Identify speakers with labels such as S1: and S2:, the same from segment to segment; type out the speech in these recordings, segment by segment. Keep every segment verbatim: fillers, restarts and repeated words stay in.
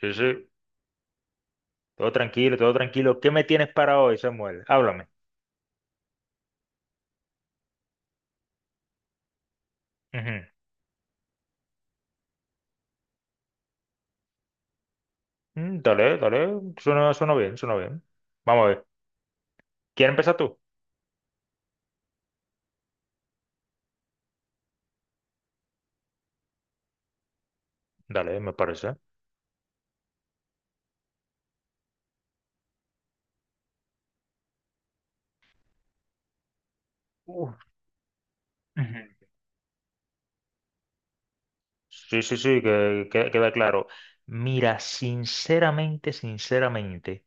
S1: Sí, sí. Todo tranquilo, todo tranquilo. ¿Qué me tienes para hoy, Samuel? Háblame. Ujú. Mm, dale, dale. Suena, suena bien, suena bien. Vamos a ver. ¿Quieres empezar tú? Dale, me parece. Uf. Ujú. Sí, sí, sí, que, que- queda claro. Mira, sinceramente, sinceramente,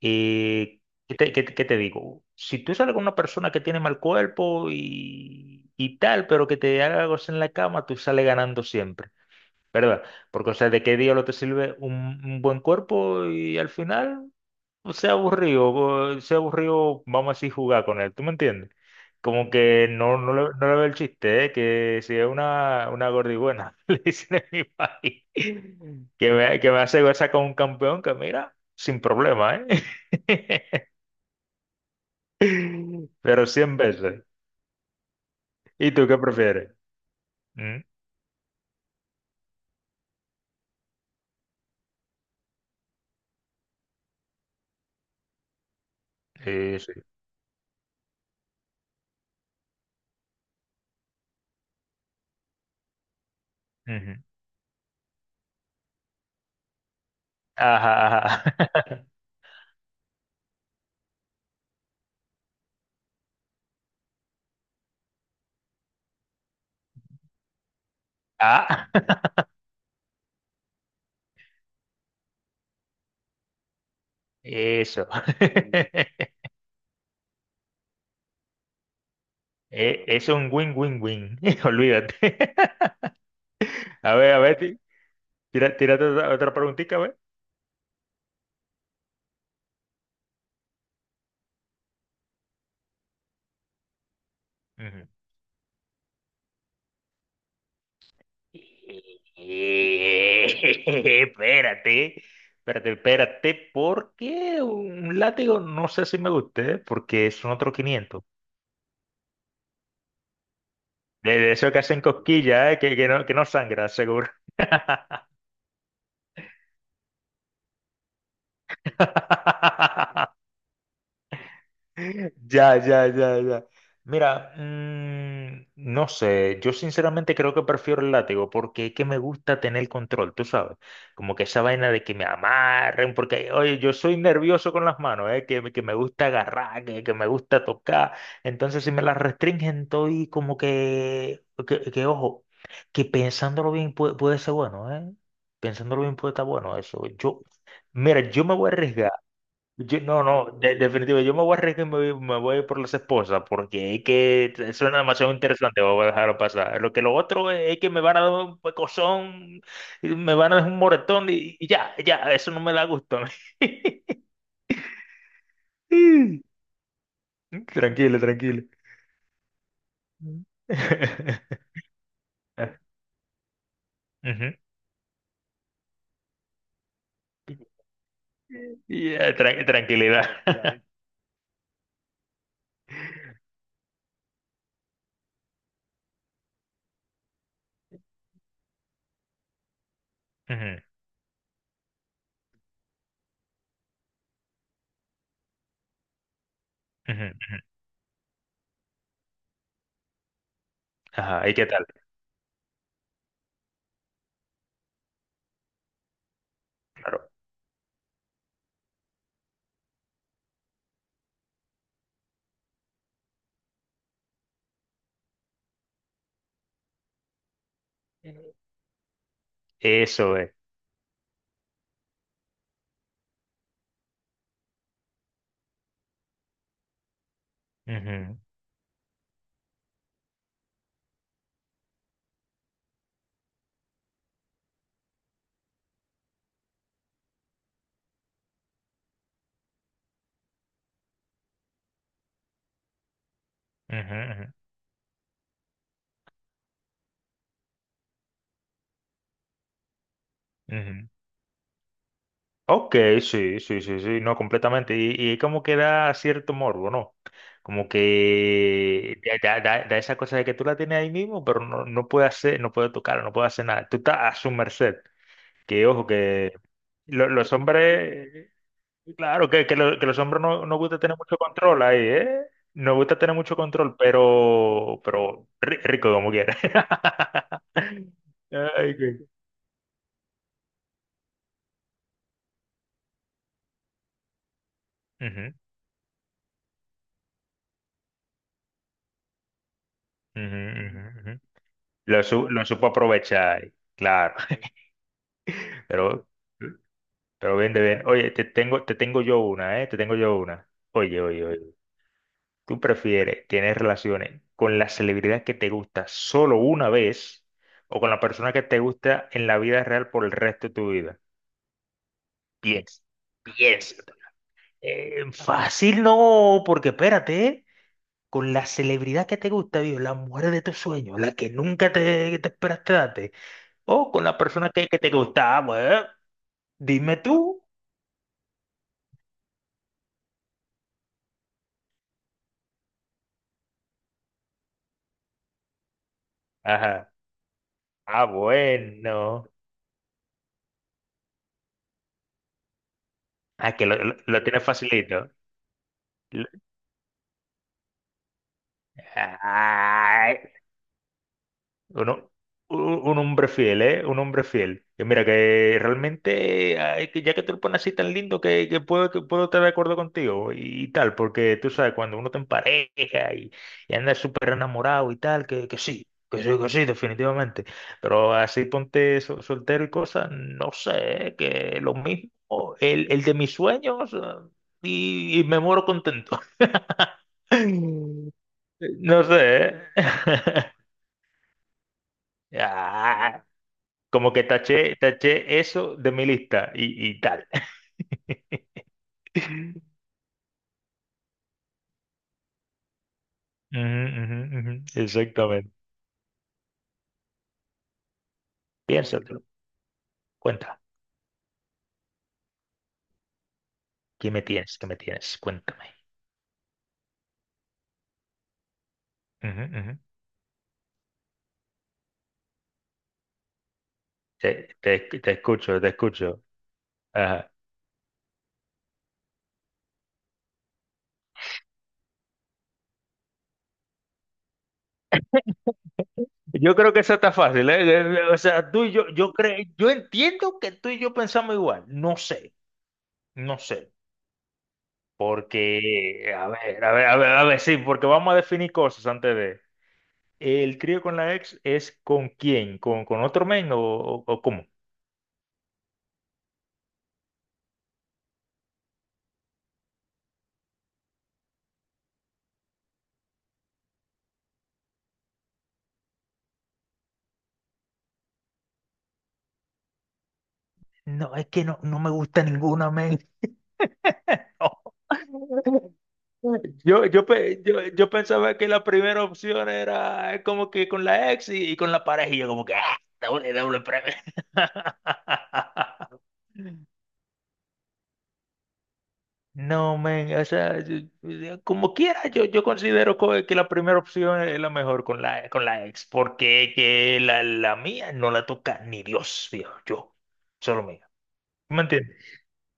S1: eh, ¿qué te, qué te- qué te digo? Si tú sales con una persona que tiene mal cuerpo y, y tal, pero que te haga algo en la cama, tú sales ganando siempre. ¿Verdad? Porque, o sea, ¿de qué diablo te sirve un, un buen cuerpo y al final, o sea aburrido, o sea aburrido, vamos a decir, jugar con él? ¿Tú me entiendes? Como que no, no, le, no le veo el chiste, ¿eh? Que si es una, una gordibuena le dicen en mi país, que me, que me hace gozar con un campeón, que mira, sin problema, ¿eh? Pero cien veces. ¿Y tú qué prefieres? ¿Mm? Sí, sí. Ujú. Ajá, ajá. Ah. Eso. E- Es un win-win-win. Olvídate. A ver, a ver, ti- tira, tírate otra, otra preguntita, a ver. Ujú. Eh, Espérate, espérate, espérate, porque un látigo no sé si me guste, ¿eh? Porque son otros quinientos. De de esos que hacen cosquillas, ¿eh? que, que no, que no sangra, seguro. Ya, ya, ya, ya. Mira, mm, no sé, yo sinceramente creo que prefiero el látigo porque es que me gusta tener el control, tú sabes, como que esa vaina de que me amarren, porque oye, yo soy nervioso con las manos, eh, que, que me gusta agarrar, que, que me gusta tocar. Entonces si me las restringen estoy como que, que, que, ojo, que pensándolo bien puede, puede ser bueno. eh, pensándolo bien puede estar bueno eso. Yo, mira, yo me voy a arriesgar. Yo- no, no, de- definitivo. Yo me voy a arriesgar y me voy, me voy por las esposas porque es que t- suena demasiado interesante. Voy a dejarlo pasar. Lo que lo otro es que me van a dar un pecozón, y me van a dar un moretón y, y ya, ya, eso no me da gusto a mí. Tranquilo, tranquilo. Mm. Ujú. Ya, tran- tranquilidad. Ujú, ujú, ujú. Ajá, ¿y qué tal? Claro. Eso es. Ujú, ujú, ujú, ujú. Ok, sí, sí, sí, sí, no, completamente. Y, y como que da cierto morbo, ¿no? Como que da, da- da- da esa cosa de que tú la tienes ahí mismo, pero no, no puede hacer, no puede tocar, no puede hacer nada. Tú estás a su merced. Que ojo, que lo- los hombres, claro, que, que, lo- que los hombres no, no gusta tener mucho control ahí, ¿eh? No gusta tener mucho control, pero, pero ri- rico como quiera. Ay, qué- Ujú, ujú, ujú, ujú. Lo, su- lo supo aprovechar, claro. Pero, pero bien de bien. Oye, te tengo, te tengo yo una, ¿eh? Te tengo yo una. Oye, oye, oye. ¿Tú prefieres tener relaciones con la celebridad que te gusta solo una vez, o con la persona que te gusta en la vida real por el resto de tu vida? Piensa, piensa. Eh, fácil no, porque espérate, ¿eh? Con la celebridad que te gusta, viejo, la mujer de tus sueños, la que nunca te, te esperaste darte, o con la persona que, que te gustaba, pues. Dime tú. Ajá. Ah, bueno. Ah, que lo, lo, lo tienes facilito. Lo- Ay, Uno- un, un hombre fiel, ¿eh? Un hombre fiel. Que mira, que realmente, ay, que ya que te lo pones así tan lindo, que, que puedo, que puedo estar de acuerdo contigo y, y tal, porque tú sabes, cuando uno te empareja, y, y anda súper enamorado y tal, que, que sí, que sí, que sí, definitivamente. Pero así ponte so- soltero y cosas, no sé, ¿eh? Que lo mismo, el, el de mis sueños, eh, y, y me muero contento. No sé, ¿eh? Ah, como que taché, taché eso de mi lista y, y tal. Ujú, ujú, ujú. Exactamente. Piénsatelo. Cuenta. ¿Qué me tienes? ¿Qué me tienes? Cuéntame. Ujú, ujú. Te, te- te escucho, te escucho. Ajá. Yo creo que eso está fácil, ¿eh? O sea, tú y yo, yo creo, yo entiendo que tú y yo pensamos igual. No sé, no sé. Porque, a ver, a ver, a ver, a ver, sí, porque vamos a definir cosas antes de. ¿El trío con la ex es con quién? ¿Con, con otro men, o, o- o cómo? No, es que no, no me gusta ninguna, men. No. Yo, yo, pe- yo, yo pensaba que la primera opción era, eh, como que con la ex y, y con la pareja, y yo como que, ah, doble, doble premio. No, men, o sea, yo- yo- como quiera, yo, yo considero co- que la primera opción es la mejor con la, con la ex, porque que la, la mía no la toca ni Dios, viejo. Yo, solo mío. ¿Me entiendes?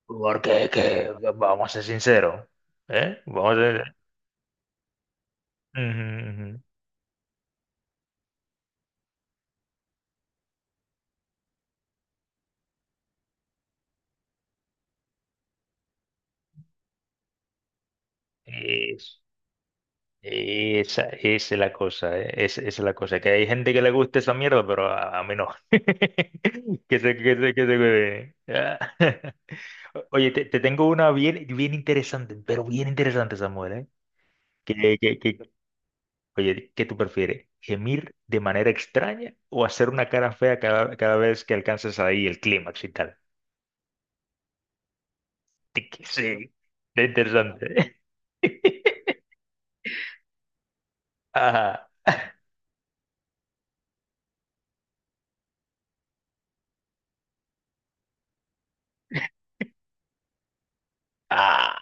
S1: Porque que, vamos a ser sinceros, ¿eh? Vamos a ser... Ujú, ujú. Es- esa, esa es la cosa, ¿eh? Es- Esa es la cosa, que hay gente que le gusta esa mierda, pero a, a mí no. Que se, que se, que se cuide. Ah. Oye, te, te tengo una bien, bien interesante, pero bien interesante, Samuel, ¿eh? Que, que, que, oye, ¿qué tú prefieres? ¿Gemir de manera extraña o hacer una cara fea cada, cada vez que alcances ahí el clímax y tal? Es que sí, es interesante. Ajá. Ah.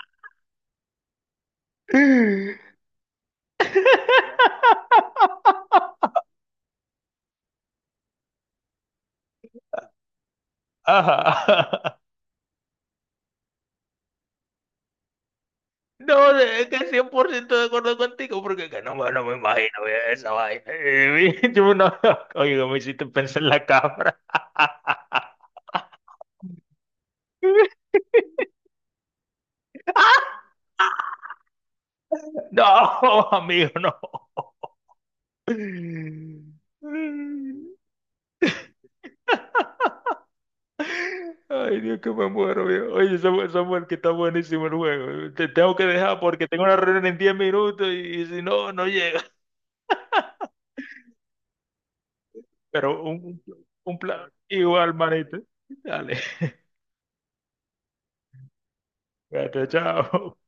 S1: Ajá. No, de- es que cien por ciento de acuerdo contigo, porque es que no, me- no me imagino, eh, esa vaina. Eh, yo no- oye, no me hiciste pensar en la cabra. No, amigo, no. Ay, Dios, que me muero, viejo. Oye, Samuel, Samuel, que está buenísimo el juego. Te tengo que dejar porque tengo una reunión en diez minutos y, y si no, no llega. Pero un, un un plan igual, manito. Dale, Cuídate, chao.